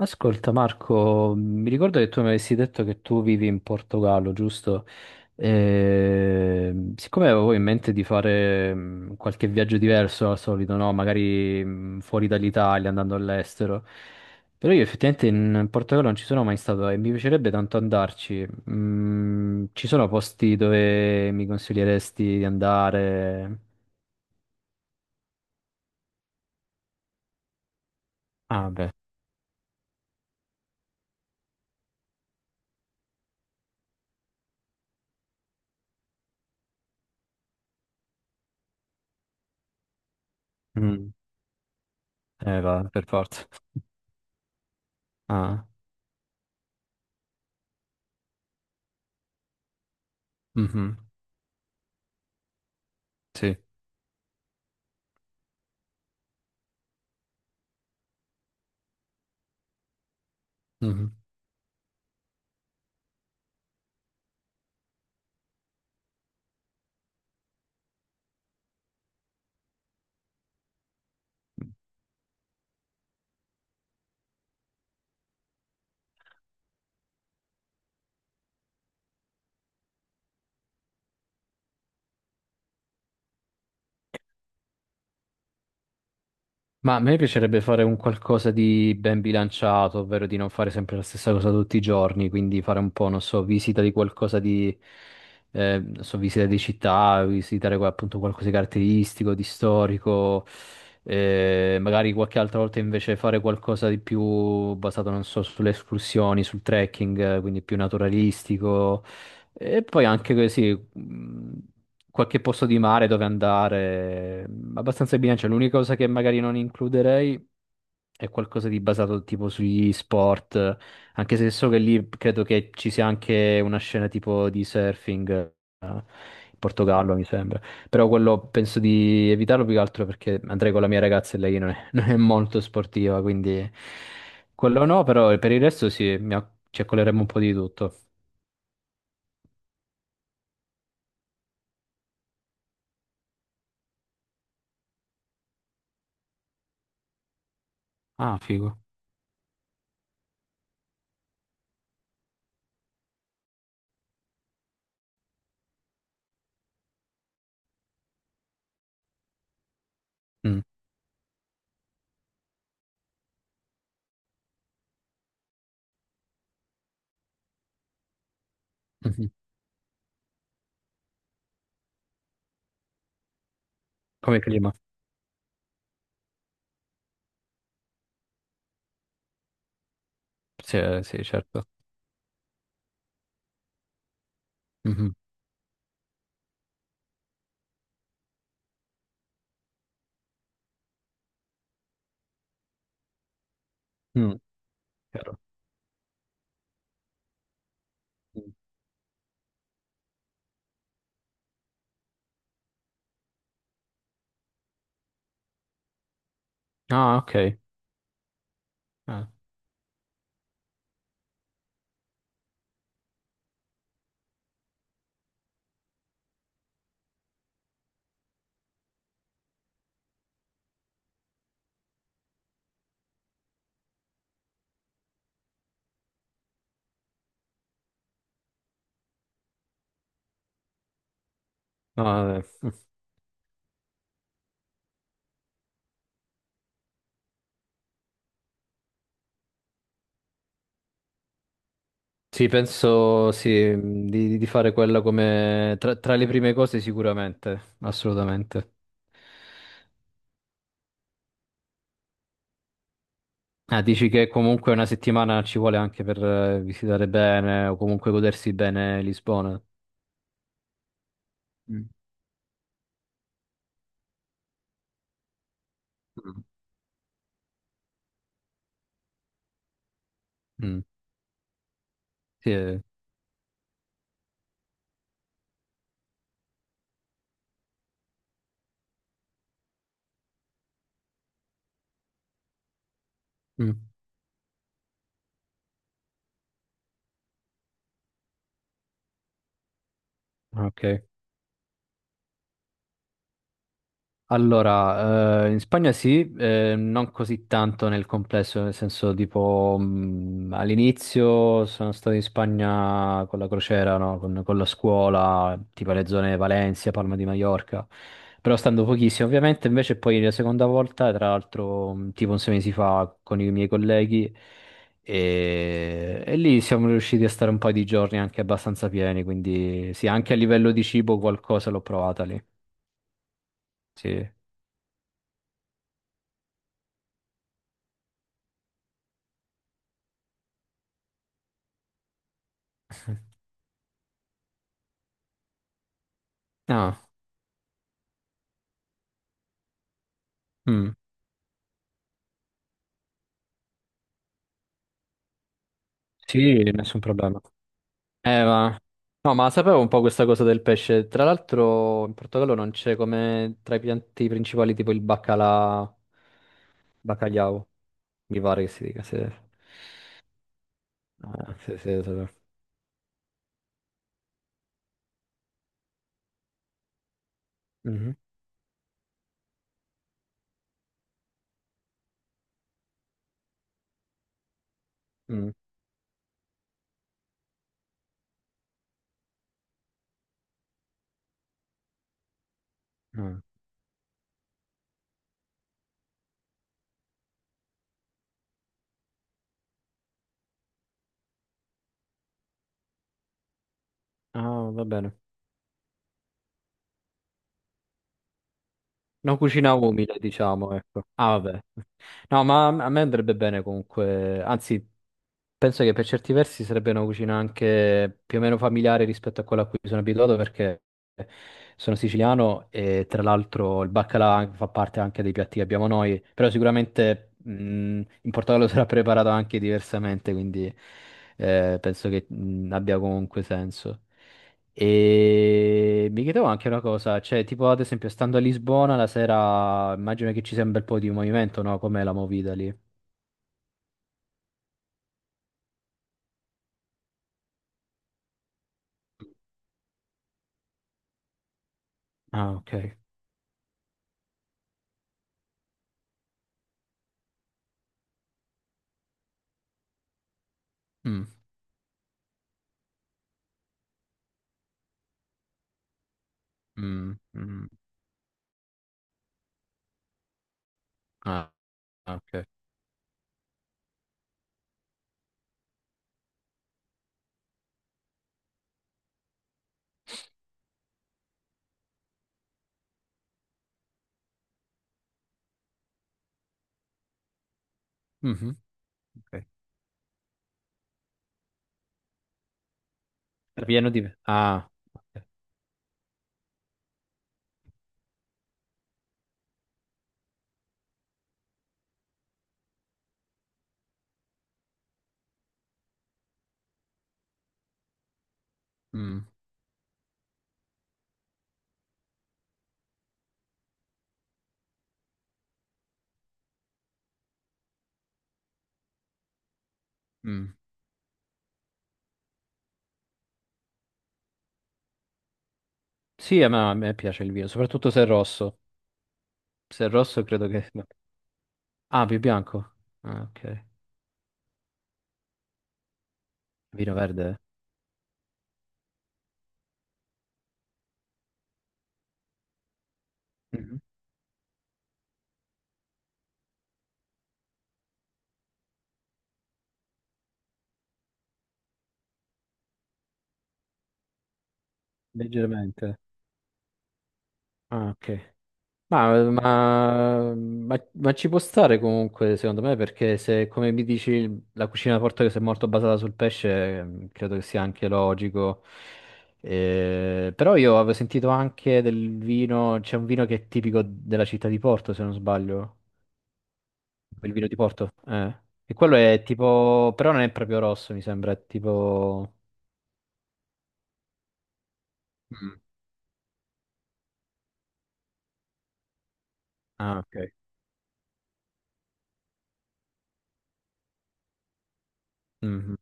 Ascolta Marco, mi ricordo che tu mi avessi detto che tu vivi in Portogallo, giusto? Siccome avevo in mente di fare qualche viaggio diverso al solito, no? Magari fuori dall'Italia, andando all'estero, però io effettivamente in Portogallo non ci sono mai stato e mi piacerebbe tanto andarci. Ci sono posti dove mi consiglieresti di andare? Ah, beh, mm. Va, per forza. Ah, mhm, sì. Mhm. Ma a me piacerebbe fare un qualcosa di ben bilanciato, ovvero di non fare sempre la stessa cosa tutti i giorni, quindi fare un po', non so, visita di qualcosa di, non so, visita di città, visitare appunto qualcosa di caratteristico, di storico, magari qualche altra volta invece fare qualcosa di più basato, non so, sulle escursioni, sul trekking, quindi più naturalistico. E poi anche così mh, qualche posto di mare dove andare, abbastanza in bilancia. L'unica cosa che magari non includerei è qualcosa di basato tipo sugli sport, anche se so che lì credo che ci sia anche una scena tipo di surfing, in Portogallo mi sembra. Però quello penso di evitarlo più che altro perché andrei con la mia ragazza e lei non è, non è molto sportiva, quindi quello no, però per il resto sì, ci accoleremo un po' di tutto. Ah, figo. Mm. Mhm. Come clima? Sì, sì, certo. Mhm, mm, chiaro. Mm. Ah, ok. Ah, no, vabbè. Mm. Sì, penso sì, di fare quella come tra le prime cose sicuramente, assolutamente. Ah, dici che comunque una settimana ci vuole anche per visitare bene o comunque godersi bene Lisbona. Mm. Mm. Mm, sì, eh. Mm, ah, ok. Allora, in Spagna sì, non così tanto nel complesso, nel senso tipo all'inizio sono stato in Spagna con la crociera, no? Con la scuola, tipo le zone Valencia, Palma di Mallorca, però stando pochissimo ovviamente, invece poi la seconda volta, tra l'altro tipo un 6 mesi fa con i miei colleghi e lì siamo riusciti a stare un paio di giorni anche abbastanza pieni, quindi sì, anche a livello di cibo qualcosa l'ho provata lì, sì. Ah. Mm. Sì, nessun problema. Eh, ma... No, ma sapevo un po' questa cosa del pesce. Tra l'altro, in Portogallo non c'è come tra i pianti principali tipo il baccalà, bacalhau, mi pare che si dica. Se... Ah. Mhm. Mm, mm. Ah, va bene. Una cucina umile, diciamo, ecco. Ah, vabbè. No, ma a me andrebbe bene comunque. Anzi, penso che per certi versi sarebbe una cucina anche più o meno familiare rispetto a quella a cui sono abituato perché sono siciliano e tra l'altro il baccalà fa parte anche dei piatti che abbiamo noi, però sicuramente in Portogallo sarà preparato anche diversamente, quindi penso che abbia comunque senso. E mi chiedevo anche una cosa, cioè tipo ad esempio stando a Lisbona la sera immagino che ci sia un bel po' di movimento, no? Com'è la movida lì? Ah, ok. Mm. Mm, mm. Ah, ah, ok. Mhm, ok. Ah, ok. Mm, mm. Sì, a me, piace il vino, soprattutto se è rosso. Se è rosso credo che no. Ah, più bianco. Ah, ok. Vino verde? Mhm. Leggermente. Ah, ok. Ma ci può stare comunque, secondo me, perché se, come mi dici, la cucina portoghese è molto basata sul pesce, credo che sia anche logico. Però io avevo sentito anche del vino, c'è un vino che è tipico della città di Porto, se non sbaglio, il vino di Porto. E quello è tipo, però non è proprio rosso, mi sembra, è tipo. Mm. Ah, ok. Mhm.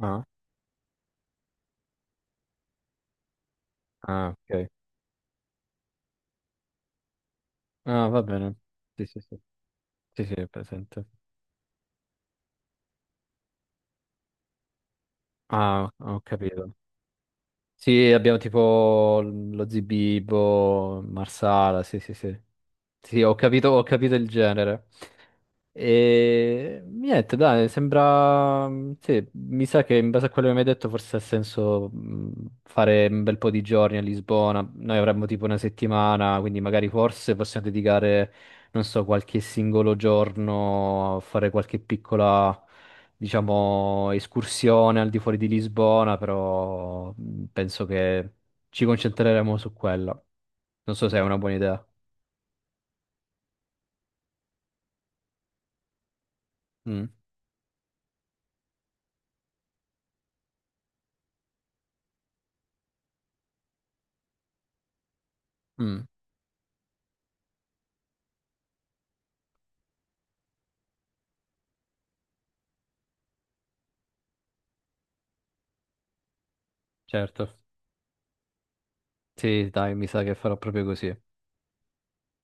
Ah, ah, ok. Ah, va bene. Sì, sì, sì. Sì, sì, è presente. Ah, ho capito. Sì, abbiamo tipo lo Zibibbo, Marsala, sì, sì, sì. Sì, ho capito il genere. E niente, dai, sembra. Sì, mi sa che in base a quello che mi hai detto forse ha senso fare un bel po' di giorni a Lisbona. Noi avremmo tipo una settimana, quindi magari forse possiamo dedicare, non so, qualche singolo giorno a fare qualche piccola, diciamo, escursione al di fuori di Lisbona, però penso che ci concentreremo su quella. Non so se è una buona idea. Mm. Mm, certo. Sì, dai, mi sa che farò proprio così.